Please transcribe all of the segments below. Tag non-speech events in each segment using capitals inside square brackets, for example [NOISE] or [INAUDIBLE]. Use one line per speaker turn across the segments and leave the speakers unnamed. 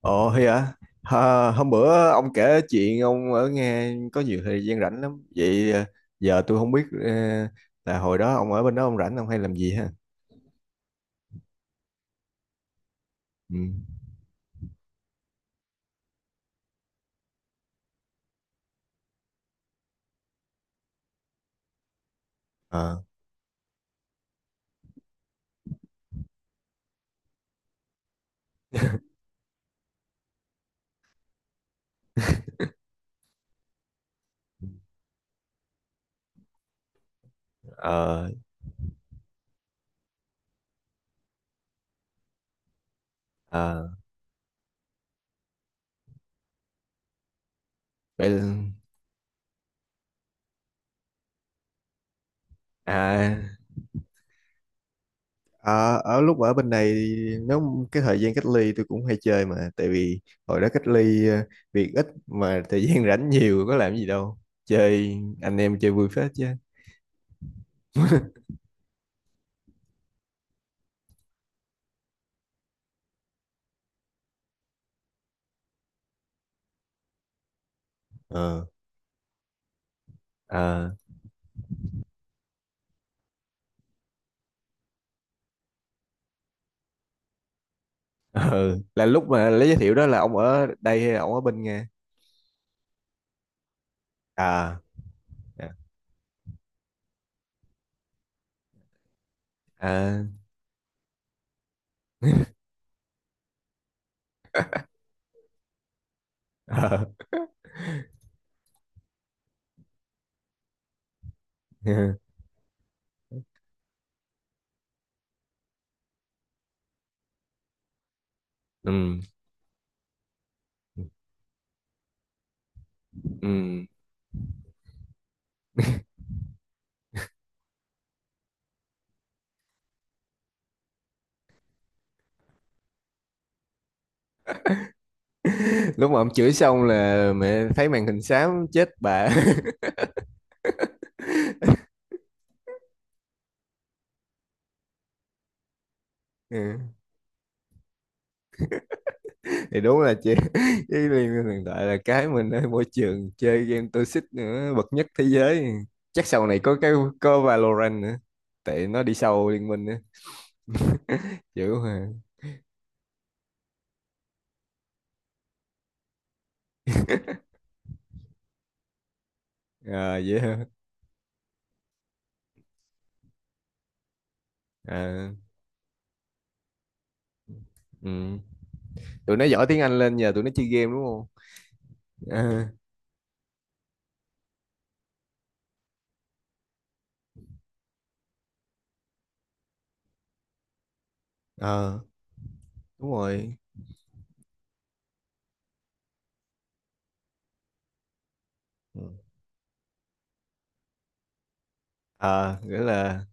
Ồ hay à? Hôm bữa ông kể chuyện ông ở nghe có nhiều thời gian rảnh lắm. Vậy giờ tôi không biết là hồi đó ông ở bên đó ông rảnh ông hay làm gì ha? Ừ. Ờ. [LAUGHS] Ờ. Ờ. Vậy là- À. À, ở lúc ở bên này nếu cái thời gian cách ly tôi cũng hay chơi mà tại vì hồi đó cách ly việc ít mà thời gian rảnh nhiều có làm gì đâu chơi anh em chơi vui phết chứ ờ ờ. Ừ, là lúc mà lấy giới thiệu đó là ông ở đây hay là ông ở bên Nga? À, dạ. À, ờ. [LAUGHS] Ừ. Ừ, lúc mà ông chửi xong là mẹ thấy màn hình xám chết bà. [LAUGHS] Ừ. Thì đúng là chị. [LAUGHS] Với liên minh hiện tại là cái mình ở môi trường chơi game toxic nữa bậc nhất thế giới, chắc sau này có cái, có Valorant nữa, tại nó đi sau liên minh nữa. Chữ hả? À, dễ hả? À, ừ. Tụi nó giỏi tiếng Anh lên nhờ tụi nó chơi game đúng không? À, ờ, đúng rồi. Ừ. Ờ, nghĩa là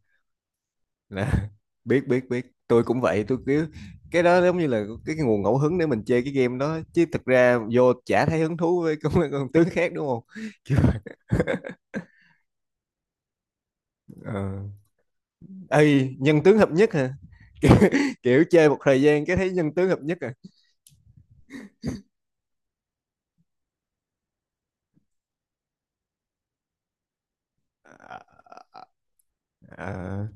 là [LAUGHS] biết biết biết, tôi cũng vậy, tôi cứ cái đó giống như là cái nguồn ngẫu hứng để mình chơi cái game đó chứ thực ra vô chả thấy hứng thú với con tướng khác đúng không? [LAUGHS] Kiểu ờ, ê nhân tướng hợp nhất hả? [LAUGHS] Kiểu, kiểu chơi một thời gian cái thấy nhân tướng hợp nhất à? Ờ, ờ,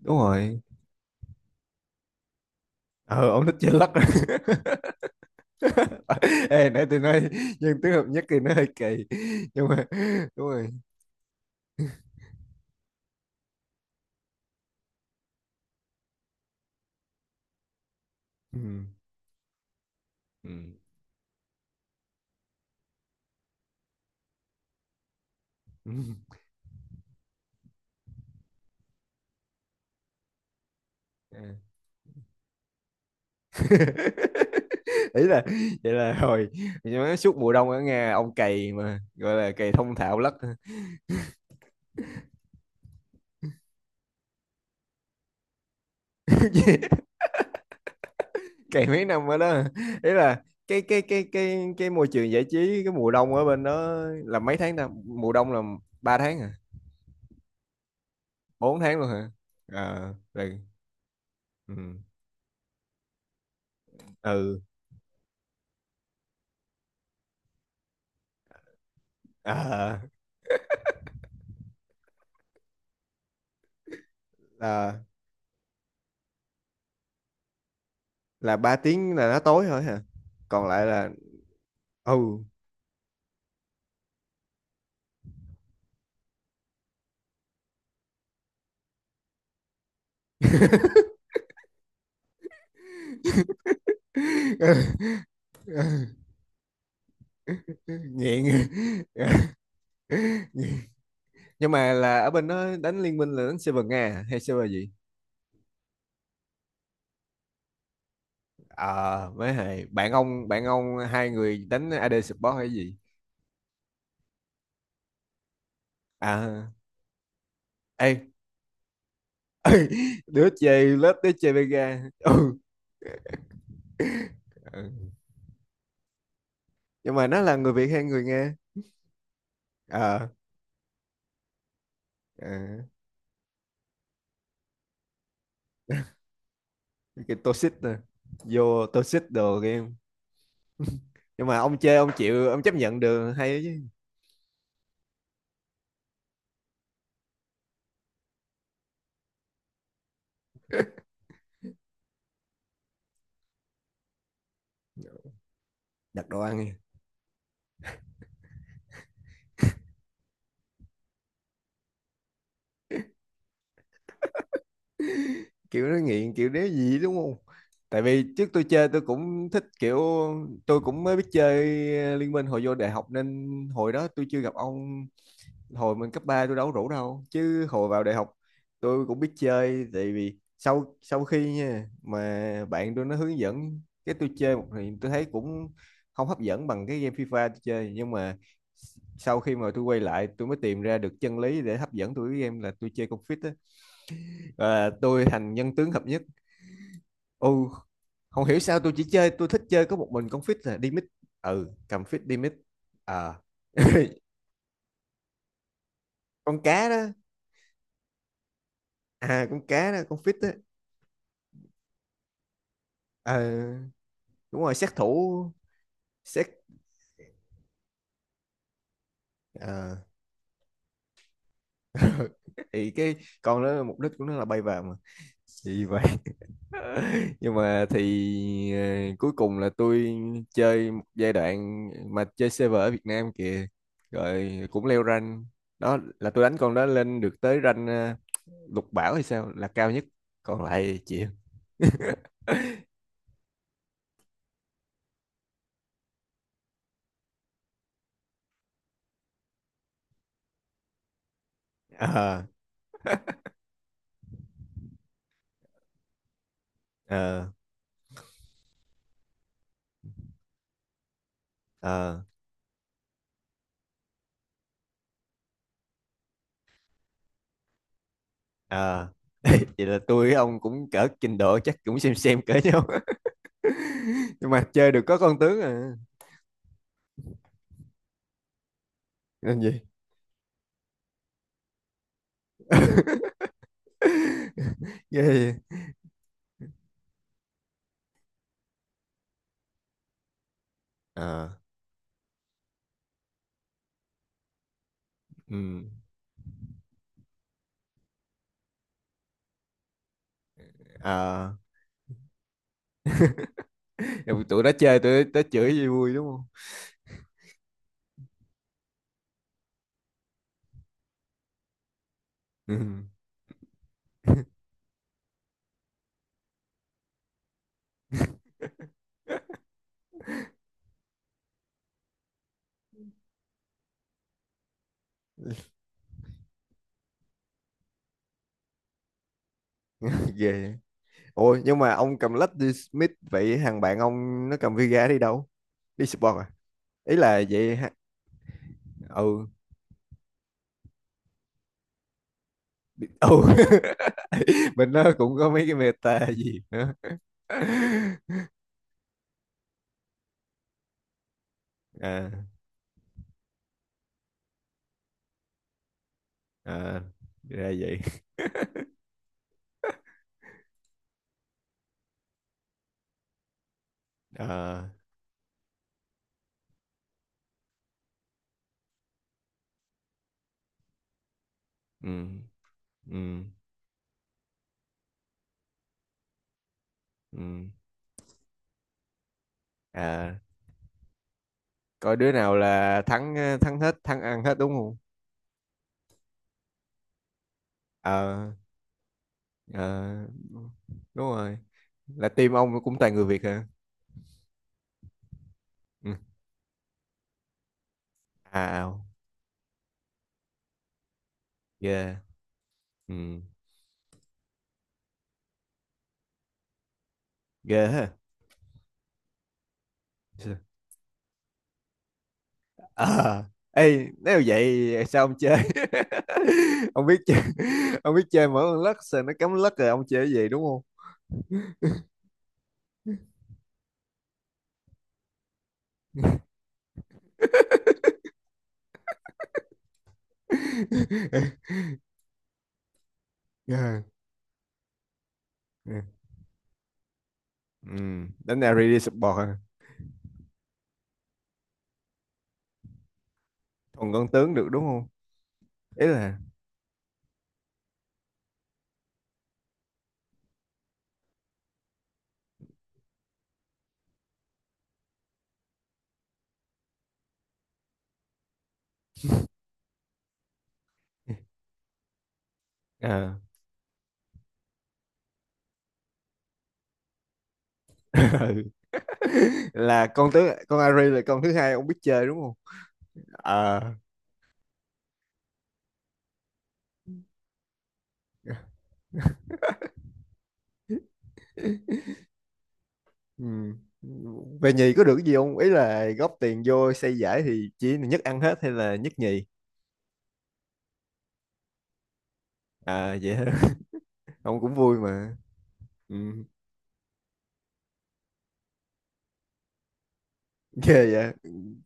đúng rồi. Ờ, ông thích chơi lắc à. [LAUGHS] Ê, nãy tôi nói nhân tướng hợp nhất thì nó hơi kỳ nhưng mà đúng rồi. Ừ. Ừ. Ừ. À. [LAUGHS] Ý là vậy là hồi [LAUGHS] nói suốt mùa đông ở Nga ông cày mà gọi là cày thông thạo lất, cày [LAUGHS] mấy năm ở đó. Ý là cái cái môi trường giải trí cái mùa đông ở bên đó là mấy tháng ta, mùa đông là ba tháng hả? Bốn tháng luôn hả? Ờ, là ừ, ừ à, là là ba tiếng là nó tối thôi hả? Còn lại là ừ. [LAUGHS] Nghiện. [LAUGHS] Nhưng mà là ở bên đó đánh liên minh là đánh server Nga hay server gì? Ờ, mới hay bạn ông hai người đánh AD support hay gì? À, ê. [LAUGHS] Đứa chơi lớp, đứa chơi Vega. [LAUGHS] Ừ. Ừ. Nhưng mà nó là người Việt hay người Nga? Ờ, ờ, cái toxic nè, vô toxic đồ game. Nhưng mà ông chơi ông chịu ông chấp nhận được hay chứ? Đặt đồ ăn đi. Kiểu nó nghiện kiểu đéo gì đúng không? Tại vì trước tôi chơi tôi cũng thích kiểu, tôi cũng mới biết chơi Liên Minh hồi vô đại học nên hồi đó tôi chưa gặp ông, hồi mình cấp 3 tôi đâu có rủ đâu chứ hồi vào đại học tôi cũng biết chơi. Tại vì sau sau khi nha mà bạn tôi nó hướng dẫn cái tôi chơi một thì tôi thấy cũng không hấp dẫn bằng cái game FIFA tôi chơi, nhưng mà sau khi mà tôi quay lại tôi mới tìm ra được chân lý để hấp dẫn tôi cái game là tôi chơi Confit á, và tôi thành nhân tướng hợp nhất. Ừ, không hiểu sao tôi chỉ chơi, tôi thích chơi có một mình con fish là đi mít. Ừ, cầm fish đi mít. Ờ. [LAUGHS] Con cá đó. À, con cá đó, con fish đó. Ờ, đúng rồi, sát thủ. Sát, ờ. [LAUGHS] Thì cái con đó mục đích của nó là bay vào mà. Gì vậy? [LAUGHS] Nhưng mà thì cuối cùng là tôi chơi một giai đoạn mà chơi server ở Việt Nam kìa, rồi cũng leo rank. Đó là tôi đánh con đó lên được tới rank lục bảo hay sao là cao nhất, còn lại chịu. [LAUGHS] ờ ờ ờ ờ [LAUGHS] Vậy là tôi với ông cũng cỡ trình độ chắc cũng xem cỡ nhau. [LAUGHS] Nhưng mà chơi được có con tướng à. Làm gì? [LAUGHS] Ghê vậy? Ờ, ừ, ờ. Rồi tụi nó chơi tụi nó chửi gì vui đúng không? Ừ. [LAUGHS] Ghê vậy. Ôi nhưng mà ông cầm lách đi Smith vậy thằng bạn ông nó cầm Vega đi đâu? Đi support à? Ý là vậy ha. Ừ. Ừ. [LAUGHS] Mình nó cũng có mấy cái meta gì nữa. À, à, ra vậy. À, ừ, ừ, ừ. À, coi đứa nào là thắng thắng hết thắng ăn hết đúng không? Ờ, ờ, đúng rồi. Là team ông cũng toàn người Việt hả? Ừ. À, ào. Ghê. Ừ, ghê ha. À, ê, nếu vậy sao ông chơi? [LAUGHS] Ông biết chơi, ông biết chơi mở con lắc sao nó cắm lắc rồi ông chơi cái gì đúng không? [LAUGHS] Ờ, ừ, ừ. Đánh nào đi support à? Còn con tướng được đúng không? Ý là ờ. [LAUGHS] Ừ. Là con tướng con Ari là con thứ hai ông biết chơi đúng không? Ờ. Ừ. Về nhì có được cái gì không? Ý là góp tiền vô xây giải thì chỉ nhất ăn hết hay là nhất nhì? À vậy hả? [LAUGHS] Ông cũng vui mà. Ừ. [LAUGHS] Ghê vậy.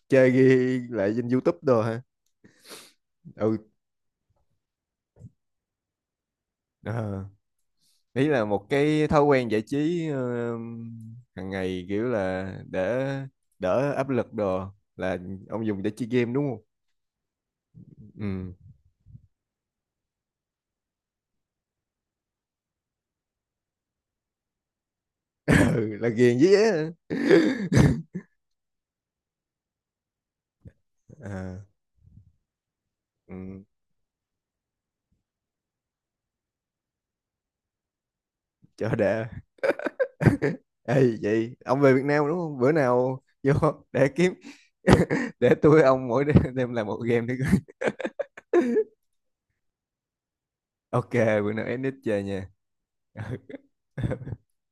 Chơi ghi lại trên YouTube đồ hả? Ừ. Ờ. Ý là một cái thói quen giải trí hàng ngày kiểu là để đỡ áp lực đồ là ông dùng để chơi game đúng không? Ừ. [LAUGHS] Ừ, là ghiền với á. [LAUGHS] À, ừ. Cho đã. [LAUGHS] Ê vậy ông về Việt Nam đúng không? Bữa nào vô để kiếm [LAUGHS] để tôi ông mỗi đêm làm một game đi. [LAUGHS] Coi. Ok, bữa nào edit chơi nha.